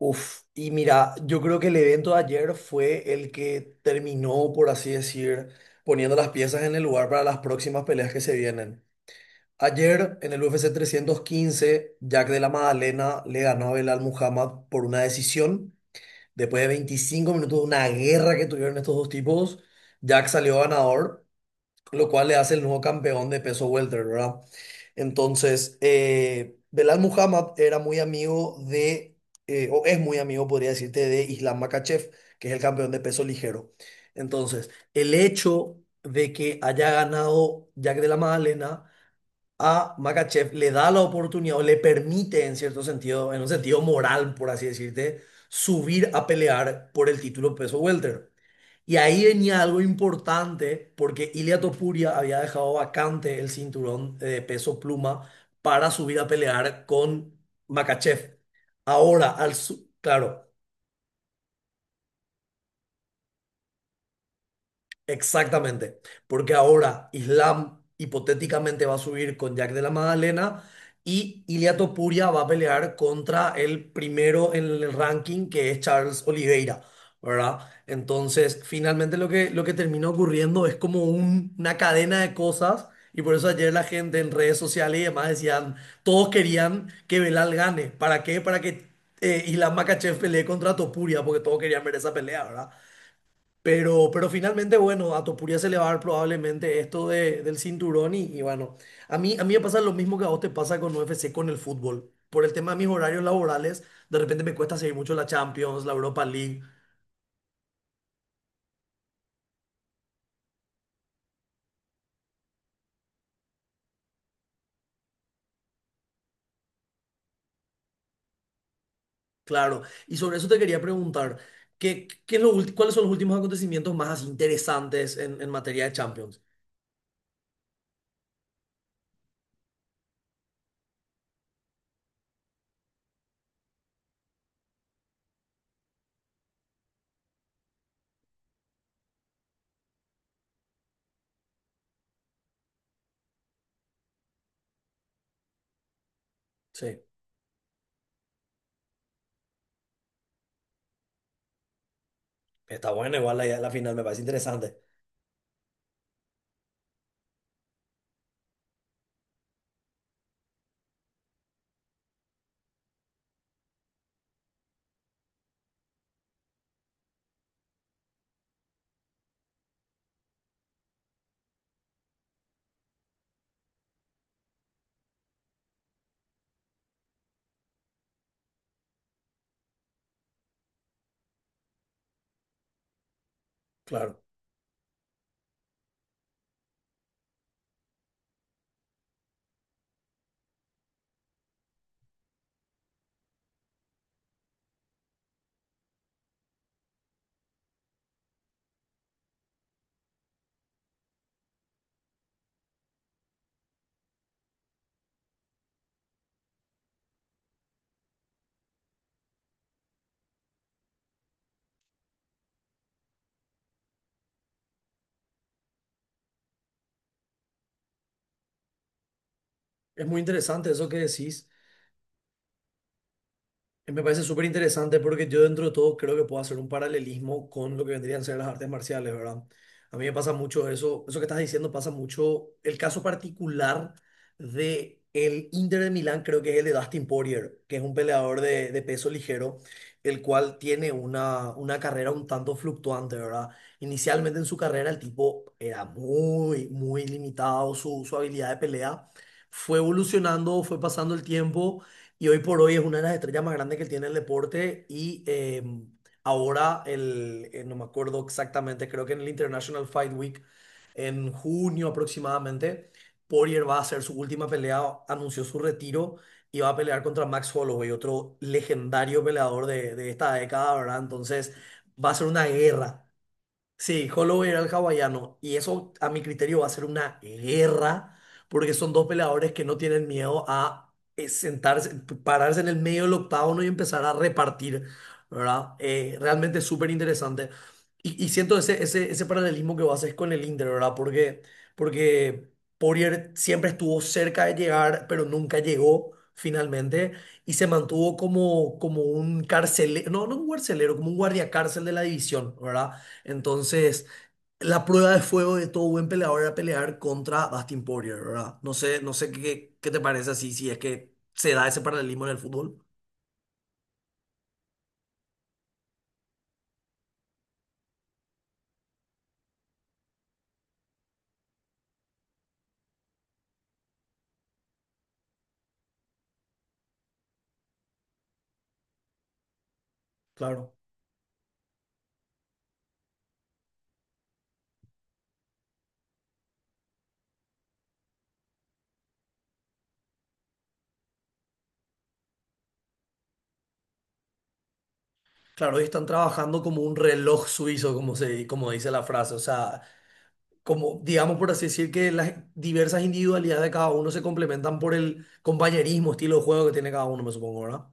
Uf, y mira, yo creo que el evento de ayer fue el que terminó, por así decir, poniendo las piezas en el lugar para las próximas peleas que se vienen. Ayer, en el UFC 315, Jack de la Magdalena le ganó a Belal Muhammad por una decisión. Después de 25 minutos de una guerra que tuvieron estos dos tipos, Jack salió ganador lo cual le hace el nuevo campeón de peso welter, ¿verdad? Entonces, Belal Muhammad era muy amigo de, o es muy amigo, podría decirte, de Islam Makhachev, que es el campeón de peso ligero. Entonces, el hecho de que haya ganado Jack de la Magdalena a Makachev le da la oportunidad o le permite, en cierto sentido, en un sentido moral, por así decirte, subir a pelear por el título peso welter. Y ahí venía algo importante porque Ilia Topuria había dejado vacante el cinturón de peso pluma para subir a pelear con Makachev. Ahora, claro. Exactamente, porque ahora Islam hipotéticamente va a subir con Jack de la Magdalena y Ilia Topuria va a pelear contra el primero en el ranking que es Charles Oliveira, ¿verdad? Entonces, finalmente lo que termina ocurriendo es como una cadena de cosas y por eso ayer la gente en redes sociales y demás decían, todos querían que Belal gane. ¿Para qué? Para que Islam Makhachev pelee contra Topuria, porque todos querían ver esa pelea, ¿verdad? Pero finalmente, bueno, a Topuria se le va a dar probablemente esto del cinturón y bueno, a mí me pasa lo mismo que a vos te pasa con UFC, con el fútbol. Por el tema de mis horarios laborales, de repente me cuesta seguir mucho la Champions, la Europa League, claro. Y sobre eso te quería preguntar, ¿qué es cuáles son los últimos acontecimientos más así interesantes en materia de Champions? Sí, está bueno, igual la final me parece interesante. Claro, es muy interesante eso que decís. Me parece súper interesante porque yo dentro de todo creo que puedo hacer un paralelismo con lo que vendrían a ser las artes marciales, ¿verdad? A mí me pasa mucho eso, eso que estás diciendo pasa mucho. El caso particular de el Inter de Milán creo que es el de Dustin Poirier, que es un peleador de peso ligero, el cual tiene una carrera un tanto fluctuante, ¿verdad? Inicialmente en su carrera el tipo era muy limitado su habilidad de pelea. Fue evolucionando, fue pasando el tiempo y hoy por hoy es una de las estrellas más grandes que tiene el deporte y ahora, no me acuerdo exactamente, creo que en el International Fight Week, en junio aproximadamente, Poirier va a hacer su última pelea, anunció su retiro y va a pelear contra Max Holloway, otro legendario peleador de esta década, ¿verdad? Entonces va a ser una guerra. Sí, Holloway era el hawaiano. Y eso, a mi criterio, va a ser una guerra, porque son dos peleadores que no tienen miedo a sentarse, pararse en el medio del octágono y empezar a repartir, ¿verdad? Realmente es súper interesante. Y siento ese paralelismo que vos haces con el Inter, ¿verdad? Porque Poirier siempre estuvo cerca de llegar, pero nunca llegó finalmente. Y se mantuvo como, como un carcelero, no, no un carcelero, como un guardiacárcel de la división, ¿verdad? Entonces, la prueba de fuego de todo buen peleador era pelear contra Dustin Poirier, ¿verdad? No sé qué, qué te parece así, si es que se da ese paralelismo en el fútbol. Claro. Claro, y están trabajando como un reloj suizo, como se, como dice la frase. O sea, como, digamos por así decir, que las diversas individualidades de cada uno se complementan por el compañerismo, estilo de juego que tiene cada uno, me supongo, ¿verdad?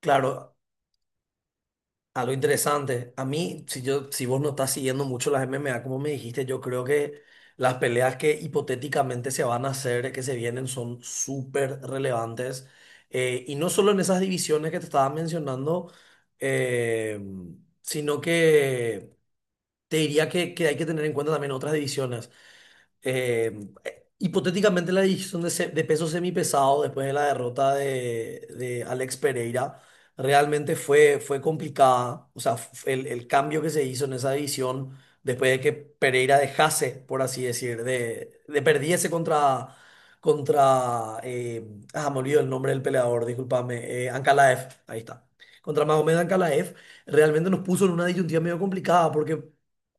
Claro, algo interesante. A mí, si yo, si vos no estás siguiendo mucho las MMA, como me dijiste, yo creo que las peleas que hipotéticamente se van a hacer, que se vienen, son súper relevantes. Y no solo en esas divisiones que te estaba mencionando, eh, sino que te diría que hay que tener en cuenta también otras divisiones. Eh, Hipotéticamente la división de peso semipesado después de la derrota de Alex Pereira realmente fue, fue complicada. O sea, el cambio que se hizo en esa división después de que Pereira dejase, por así decir, de perdiese contra, contra me olvido el nombre del peleador, discúlpame, Ankalaev, ahí está. Contra Magomed Ankalaev, realmente nos puso en una disyuntiva medio complicada porque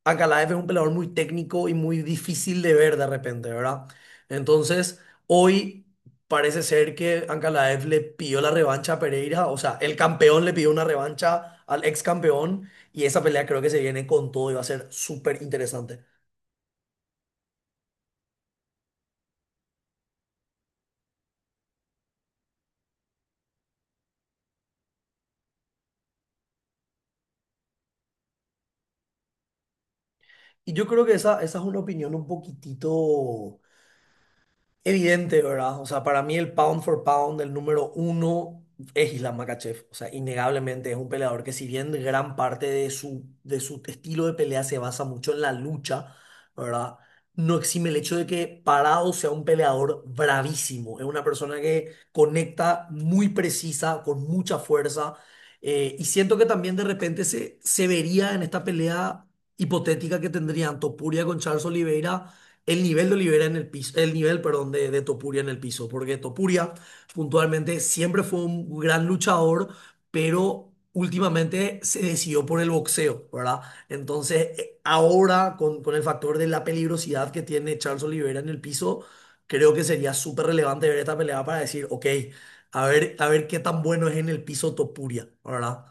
Ankalaev es un peleador muy técnico y muy difícil de ver de repente, ¿verdad? Entonces, hoy parece ser que Ankalaev le pidió la revancha a Pereira, o sea, el campeón le pidió una revancha al ex campeón y esa pelea creo que se viene con todo y va a ser súper interesante. Y yo creo que esa es una opinión un poquitito evidente, ¿verdad? O sea, para mí el pound for pound, el número uno, es Islam Makhachev. O sea, innegablemente es un peleador que si bien gran parte de su estilo de pelea se basa mucho en la lucha, ¿verdad? No exime el hecho de que Parado sea un peleador bravísimo. Es una persona que conecta muy precisa, con mucha fuerza. Y siento que también de repente se vería en esta pelea hipotética que tendrían Topuria con Charles Oliveira el nivel de Olivera en el piso, el nivel, perdón, de Topuria en el piso, porque Topuria puntualmente siempre fue un gran luchador, pero últimamente se decidió por el boxeo, ¿verdad? Entonces, ahora con el factor de la peligrosidad que tiene Charles Olivera en el piso, creo que sería súper relevante ver esta pelea para decir, ok, a ver qué tan bueno es en el piso Topuria, ¿verdad?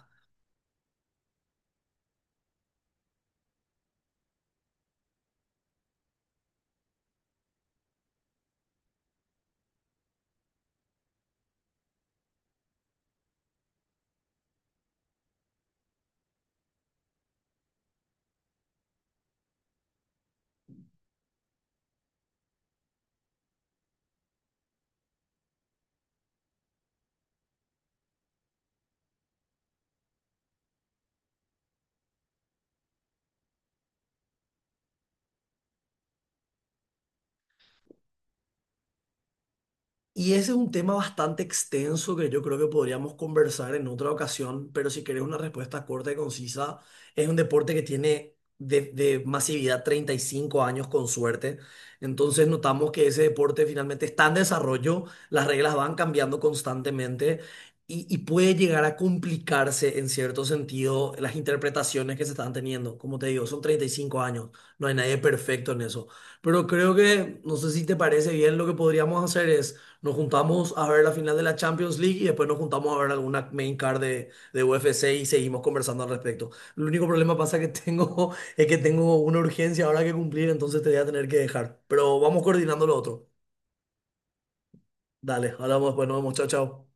Y ese es un tema bastante extenso que yo creo que podríamos conversar en otra ocasión, pero si querés una respuesta corta y concisa, es un deporte que tiene de masividad 35 años con suerte. Entonces notamos que ese deporte finalmente está en desarrollo, las reglas van cambiando constantemente y puede llegar a complicarse en cierto sentido las interpretaciones que se están teniendo. Como te digo, son 35 años, no hay nadie perfecto en eso. Pero creo que, no sé si te parece bien, lo que podríamos hacer es... Nos juntamos a ver la final de la Champions League y después nos juntamos a ver alguna main card de UFC y seguimos conversando al respecto. El único problema pasa que tengo es que tengo una urgencia ahora que cumplir, entonces te voy a tener que dejar. Pero vamos coordinando lo otro. Dale, hablamos después, nos vemos, chao, chao.